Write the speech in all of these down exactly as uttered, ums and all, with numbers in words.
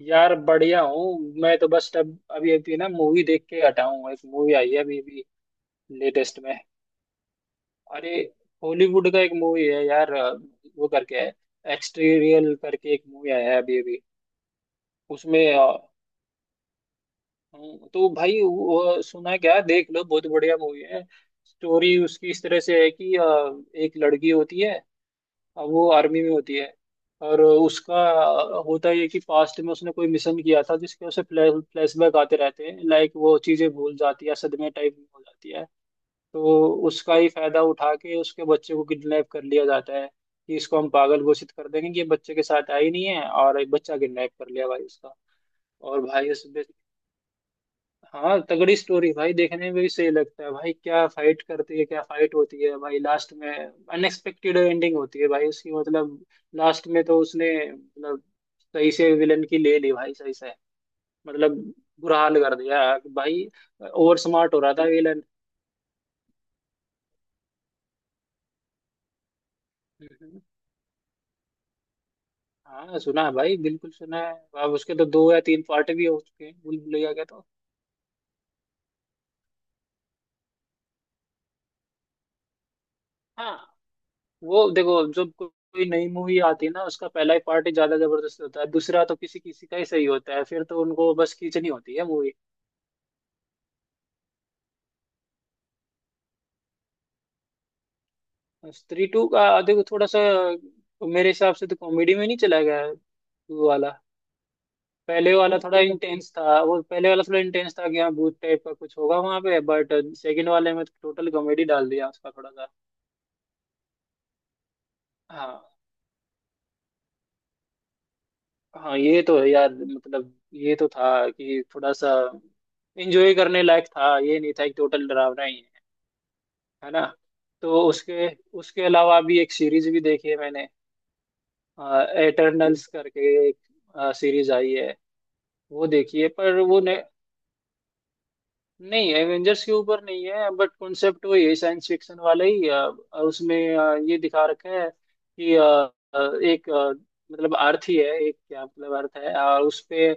यार बढ़िया हूँ। मैं तो बस अब अभी अभी ना मूवी देख के हटा हूँ। एक मूवी आई है अभी अभी लेटेस्ट में। अरे हॉलीवुड का एक मूवी है यार अ, वो करके है। एक्सटीरियल करके एक मूवी आया है अभी अभी। उसमें अ, हम्म, तो भाई वो सुना क्या देख लो बहुत बढ़िया मूवी है। स्टोरी उसकी इस तरह से है कि अ, एक लड़की होती है। वो आर्मी में होती है। और उसका होता ये है कि पास्ट में उसने कोई मिशन किया था जिसके उसे फ्लैश फ्लैशबैक आते रहते हैं। लाइक वो चीजें भूल जाती है सदमे टाइप में हो जाती है। तो उसका ही फायदा उठा के उसके बच्चे को किडनैप कर लिया जाता है। कि इसको हम पागल घोषित कर देंगे कि ये बच्चे के साथ आई नहीं है और एक बच्चा किडनैप कर लिया भाई उसका। और भाई उस हाँ तगड़ी स्टोरी भाई देखने में भी सही लगता है। भाई क्या फाइट करती है क्या फाइट होती है भाई लास्ट में अनएक्सपेक्टेड एंडिंग होती है भाई उसकी। मतलब लास्ट में तो उसने मतलब सही से विलन की ले ली भाई सही से। मतलब बुरा हाल कर दिया भाई। ओवर स्मार्ट हो रहा था विलन। हाँ सुना है भाई बिल्कुल सुना है। अब उसके तो दो या तीन पार्ट भी हो चुके हैं भूल भुलैया के तो। हाँ वो देखो जब को- कोई नई मूवी आती है ना उसका पहला ही पार्ट ही ज्यादा जबरदस्त होता है। दूसरा तो किसी किसी का ही सही होता है। फिर तो उनको बस खींचनी होती है मूवी। स्त्री टू का देखो थोड़ा सा। मेरे हिसाब से तो कॉमेडी में नहीं चला गया है वो वाला। पहले वाला थोड़ा इंटेंस था। वो पहले वाला थोड़ा इंटेंस था कि हाँ भूत टाइप का कुछ होगा वहां पे, बट सेकंड वाले में टोटल कॉमेडी डाल दिया उसका थोड़ा सा। हाँ हाँ ये तो है यार। मतलब ये तो था कि थोड़ा सा एंजॉय करने लायक था। ये नहीं था कि टोटल डरावना ही है है ना। तो उसके उसके अलावा भी एक सीरीज भी देखी है मैंने। एटर्नल्स करके एक सीरीज आई है। वो देखी है पर वो ने, नहीं एवेंजर्स के ऊपर नहीं है। बट कॉन्सेप्ट वही है साइंस फिक्शन वाला ही। अ, उसमें अ, ये दिखा रखा है कि अ, अ, एक अ, मतलब अर्थ ही है एक। क्या मतलब अर्थ है और उस पे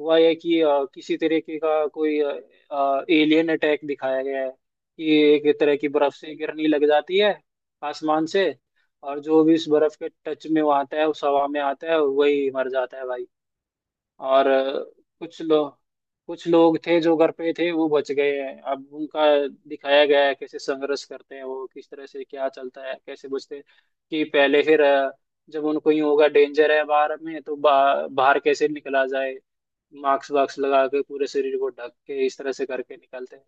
हुआ है कि अ, किसी तरीके का कोई एलियन अटैक दिखाया गया है। कि एक तरह की बर्फ से गिरनी लग जाती है आसमान से। और जो भी इस बर्फ के टच में वो आता है उस हवा में आता है वही मर जाता है भाई। और अ, कुछ लोग कुछ लोग थे जो घर पे थे वो बच गए हैं। अब उनका दिखाया गया है कैसे संघर्ष करते हैं वो किस तरह से क्या चलता है कैसे बचते हैं। कि पहले फिर अ, जब उनको यूं होगा डेंजर है बाहर में तो बा, बाहर कैसे निकला जाए। मास्क वास्क लगा के पूरे शरीर को ढक के इस तरह से करके निकलते हैं।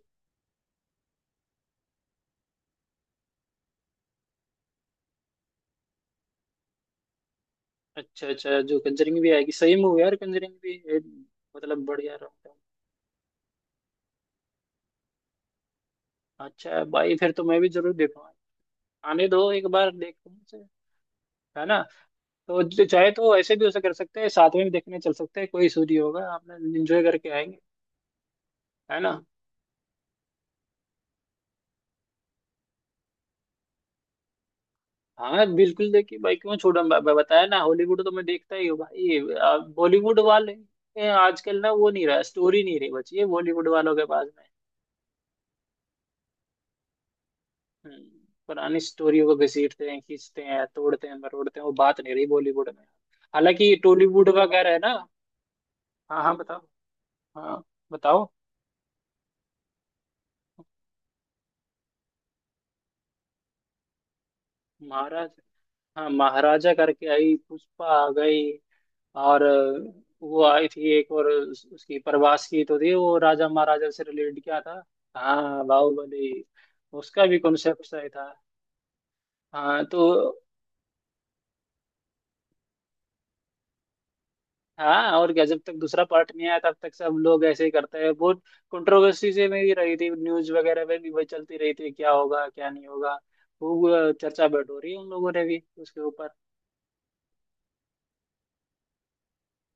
अच्छा अच्छा जो कंजरिंग भी आएगी सही मूवी यार। कंजरिंग भी ए, मतलब बढ़िया रहता है। अच्छा भाई फिर तो मैं भी जरूर देखूंगा। आने दो एक बार देखूं से, है ना। तो जो चाहे तो ऐसे भी उसे कर सकते हैं साथ में भी देखने चल सकते हैं कोई इशू नहीं होगा आपने एंजॉय करके आएंगे, है ना। हाँ बिल्कुल देखिए भाई। क्यों छोड़ा। मैं मैं बताया ना हॉलीवुड तो मैं देखता ही हूँ भाई। बॉलीवुड वाले ये आजकल ना वो नहीं रहा। स्टोरी नहीं रही बची है बॉलीवुड वालों के पास में। हम्म, पुरानी स्टोरियों को घसीटते हैं खींचते हैं तोड़ते हैं मरोड़ते हैं। वो बात नहीं रही बॉलीवुड में। हालांकि टॉलीवुड वगैरह है ना। हाँ हाँ बताओ। हाँ बताओ। महाराज। हाँ महाराजा करके आई पुष्पा आ गई। और अ, वो आई थी एक और उस- उसकी प्रवास की तो थी वो राजा महाराजा से रिलेटेड क्या था। हाँ बाहुबली। उसका भी कॉन्सेप्ट सही था। हाँ तो। हाँ और क्या। जब तक दूसरा पार्ट नहीं आया तब तक सब लोग ऐसे ही करते हैं बहुत। कंट्रोवर्सी से मेरी रही थी न्यूज वगैरह में भी वही चलती रही थी क्या होगा क्या नहीं होगा। खूब अ, चर्चा बैठ हो रही है उन लोगों ने भी उसके ऊपर।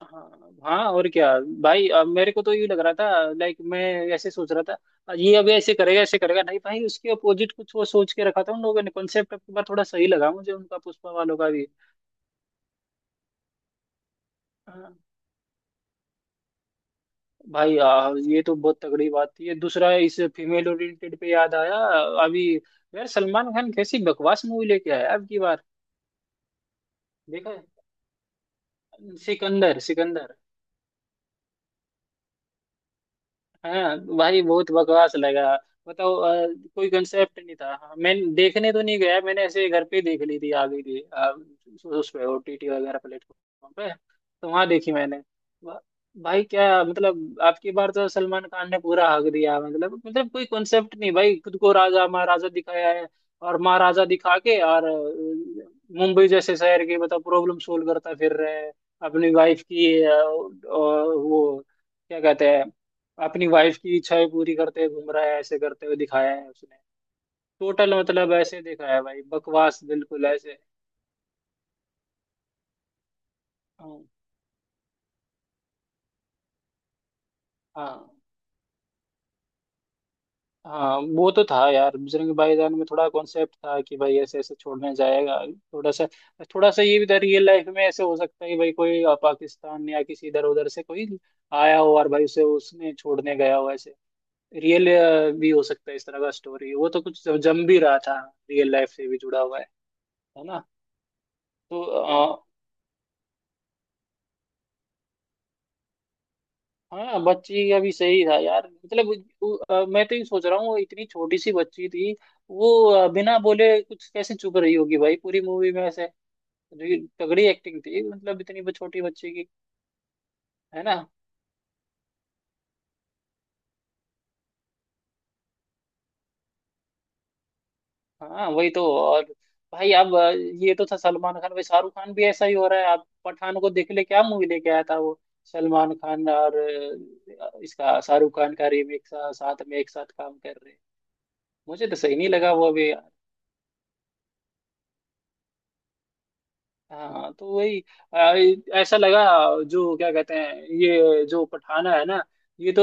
हाँ हाँ और क्या। भाई अब मेरे को तो ये लग रहा था लाइक मैं ऐसे सोच रहा था ये अभी ऐसे करेगा ऐसे करेगा। नहीं भाई उसके अपोजिट कुछ वो सोच के रखा था उन लोगों ने कॉन्सेप्ट। अब की बार थोड़ा सही लगा मुझे उनका पुष्पा वालों का भी। हाँ, भाई आ, ये तो बहुत तगड़ी बात थी। ये दूसरा इस फीमेल ओरिएंटेड पे याद आया। अभी यार सलमान खान कैसी बकवास मूवी लेके आया अब की बार। देखा है? सिकंदर सिकंदर। हाँ भाई बहुत बकवास लगा। बताओ अ, कोई कंसेप्ट नहीं था। हाँ, मैं देखने तो नहीं गया। मैंने ऐसे घर पे ही देख ली थी। आ गई थी अ, उस पे ओटीटी वगैरह प्लेटफॉर्म पे। तो वहां देखी मैंने। वा- भाई क्या मतलब आपकी बार तो सलमान खान ने पूरा हक दिया। मतलब मतलब कोई कॉन्सेप्ट नहीं भाई। खुद को राजा महाराजा दिखाया है। और महाराजा दिखा के और अ, मुंबई जैसे शहर के मतलब प्रॉब्लम सोल्व करता फिर रहे हैं। अपनी वाइफ की अ, अ, वो क्या कहते हैं। अपनी वाइफ की इच्छाएं पूरी करते हुए घूम रहा है ऐसे करते हुए दिखाया है उसने। टोटल मतलब ऐसे दिखाया है भाई बकवास बिल्कुल ऐसे। हाँ हाँ। हाँ, वो तो था यार बजरंग भाईजान में थोड़ा कॉन्सेप्ट था कि भाई ऐसे ऐसे छोड़ने जाएगा। थोड़ा सा थोड़ा सा ये भी था रियल लाइफ में ऐसे हो सकता है कि भाई कोई अ, पाकिस्तान या किसी इधर उधर से कोई आया हो और भाई उसे उसने छोड़ने गया हो ऐसे। रियल भी हो सकता है इस तरह का स्टोरी। वो तो कुछ जम भी रहा था। रियल लाइफ से भी जुड़ा हुआ है है ना। तो हाँ बच्ची अभी सही था यार मतलब। वो- अ, मैं तो ये सोच रहा हूँ वो इतनी छोटी सी बच्ची थी। वो अ, बिना बोले कुछ कैसे चुप रही होगी भाई पूरी मूवी में ऐसे। जो तगड़ी एक्टिंग थी मतलब इतनी ब- छोटी बच्ची की। है ना। हाँ वही तो। और भाई अब अ, ये तो था सलमान खान। भाई शाहरुख खान भी ऐसा ही हो रहा है। आप पठान को देख ले क्या मूवी लेके आया था वो सलमान खान और अ, इसका शाहरुख खान का रीमेक साथ में एक साथ काम कर रहे हैं। मुझे तो सही नहीं लगा वो अभी। हाँ तो वही आ, ऐसा लगा जो क्या कहते हैं ये जो पठाना है ना ये तो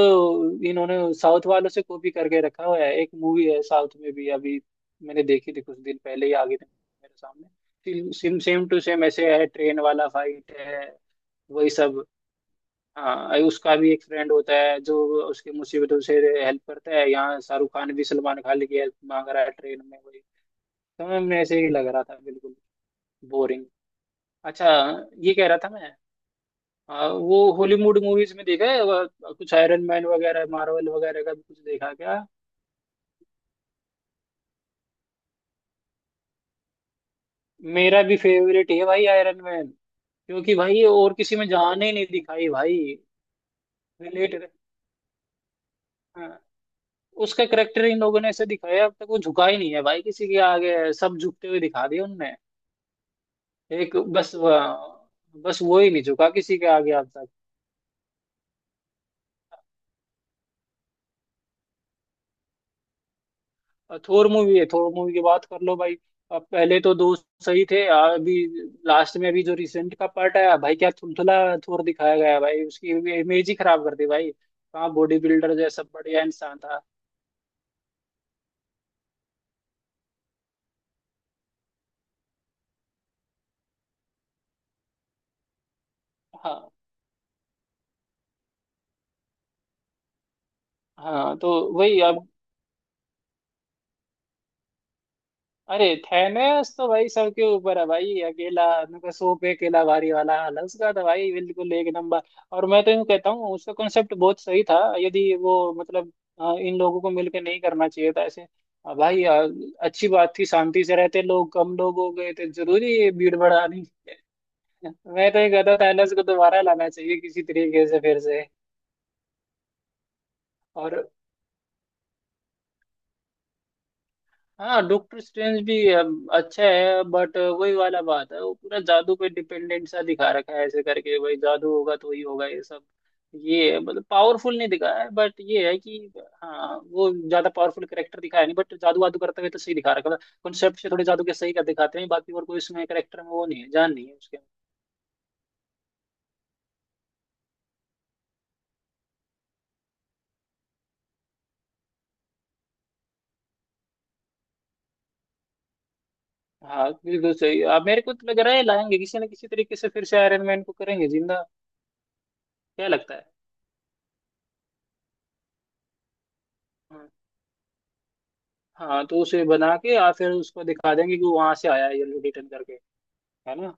इन्होंने साउथ वालों से कॉपी करके रखा हुआ है। एक मूवी है साउथ में भी अभी। मैंने देखी थी कुछ दिन पहले ही आ गई थी मेरे सामने सेम सेम टू सेम ऐसे है ट्रेन वाला फाइट है। वही सब। हाँ उसका भी एक फ्रेंड होता है जो उसकी मुसीबतों से हेल्प करता है। यहाँ शाहरुख खान भी सलमान खान की हेल्प मांग रहा है ट्रेन में वही। तो मैं ऐसे ही लग रहा था बिल्कुल बोरिंग। अच्छा ये कह रहा था मैं। आ, वो हॉलीवुड मूवीज में देखा है वह- कुछ आयरन मैन वगैरह मार्वल वगैरह का भी कुछ देखा क्या। मेरा भी फेवरेट है भाई आयरन मैन। क्योंकि भाई ये और किसी में जान ही नहीं दिखाई भाई। रिलेट। हाँ, उसका करेक्टर इन लोगों ने ऐसे दिखाया अब तक वो झुका ही नहीं है भाई किसी के आगे। सब झुकते हुए दिखा दिया उनने। एक बस वह- बस वो ही नहीं झुका किसी के आगे अब तक। थोर मूवी है। थोर मूवी की बात कर लो भाई। अब पहले तो दो सही थे। अभी लास्ट में अभी जो रिसेंट का पार्ट आया भाई क्या थुलथुला थोर दिखाया गया है भाई। उसकी इमेज ही खराब कर दी भाई। कहाँ बॉडी बिल्डर जैसा बढ़िया इंसान था। हाँ हाँ तो वही अब। अरे थैनेस तो भाई सबके ऊपर है भाई। अकेला उनका सौ पे अकेला भारी वाला हाल है उसका तो भाई बिल्कुल एक नंबर। और मैं तो यूं कहता हूँ उसका कॉन्सेप्ट बहुत सही था। यदि वो मतलब अ, इन लोगों को मिलकर नहीं करना चाहिए था ऐसे। अ, भाई अ, अच्छी बात थी शांति से रहते। लोग कम लोग हो गए थे। जरूरी है ये भीड़ बढ़ानी। मैं तो ये कहता हूँ थैलेस को दोबारा लाना चाहिए किसी तरीके से फिर से। और। हाँ डॉक्टर स्ट्रेंज भी अब अच्छा है बट वही वाला बात है वो पूरा जादू पे डिपेंडेंट सा दिखा रखा है ऐसे करके भाई जादू होगा तो ही होगा ये सब। ये है मतलब पावरफुल नहीं दिखाया है बट ये है कि। हाँ वो ज्यादा पावरफुल करेक्टर दिखाया नहीं बट जादू वादू करते हुए तो सही दिखा रखा है। कॉन्सेप्ट से थोड़े जादू के सही कर दिखाते हैं बाकी और कोई उसमें करेक्टर में वो नहीं है जान नहीं है उसके। हाँ बिल्कुल सही। अब मेरे को तो लग रहा है लाएंगे किसी न किसी तरीके से फिर से आयरन मैन को करेंगे जिंदा। क्या लगता है। हाँ। हाँ तो उसे बना के या फिर उसको दिखा देंगे कि वहां से आया है ये रिटर्न करके। है ना।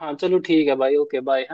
हाँ चलो ठीक है भाई ओके बाय।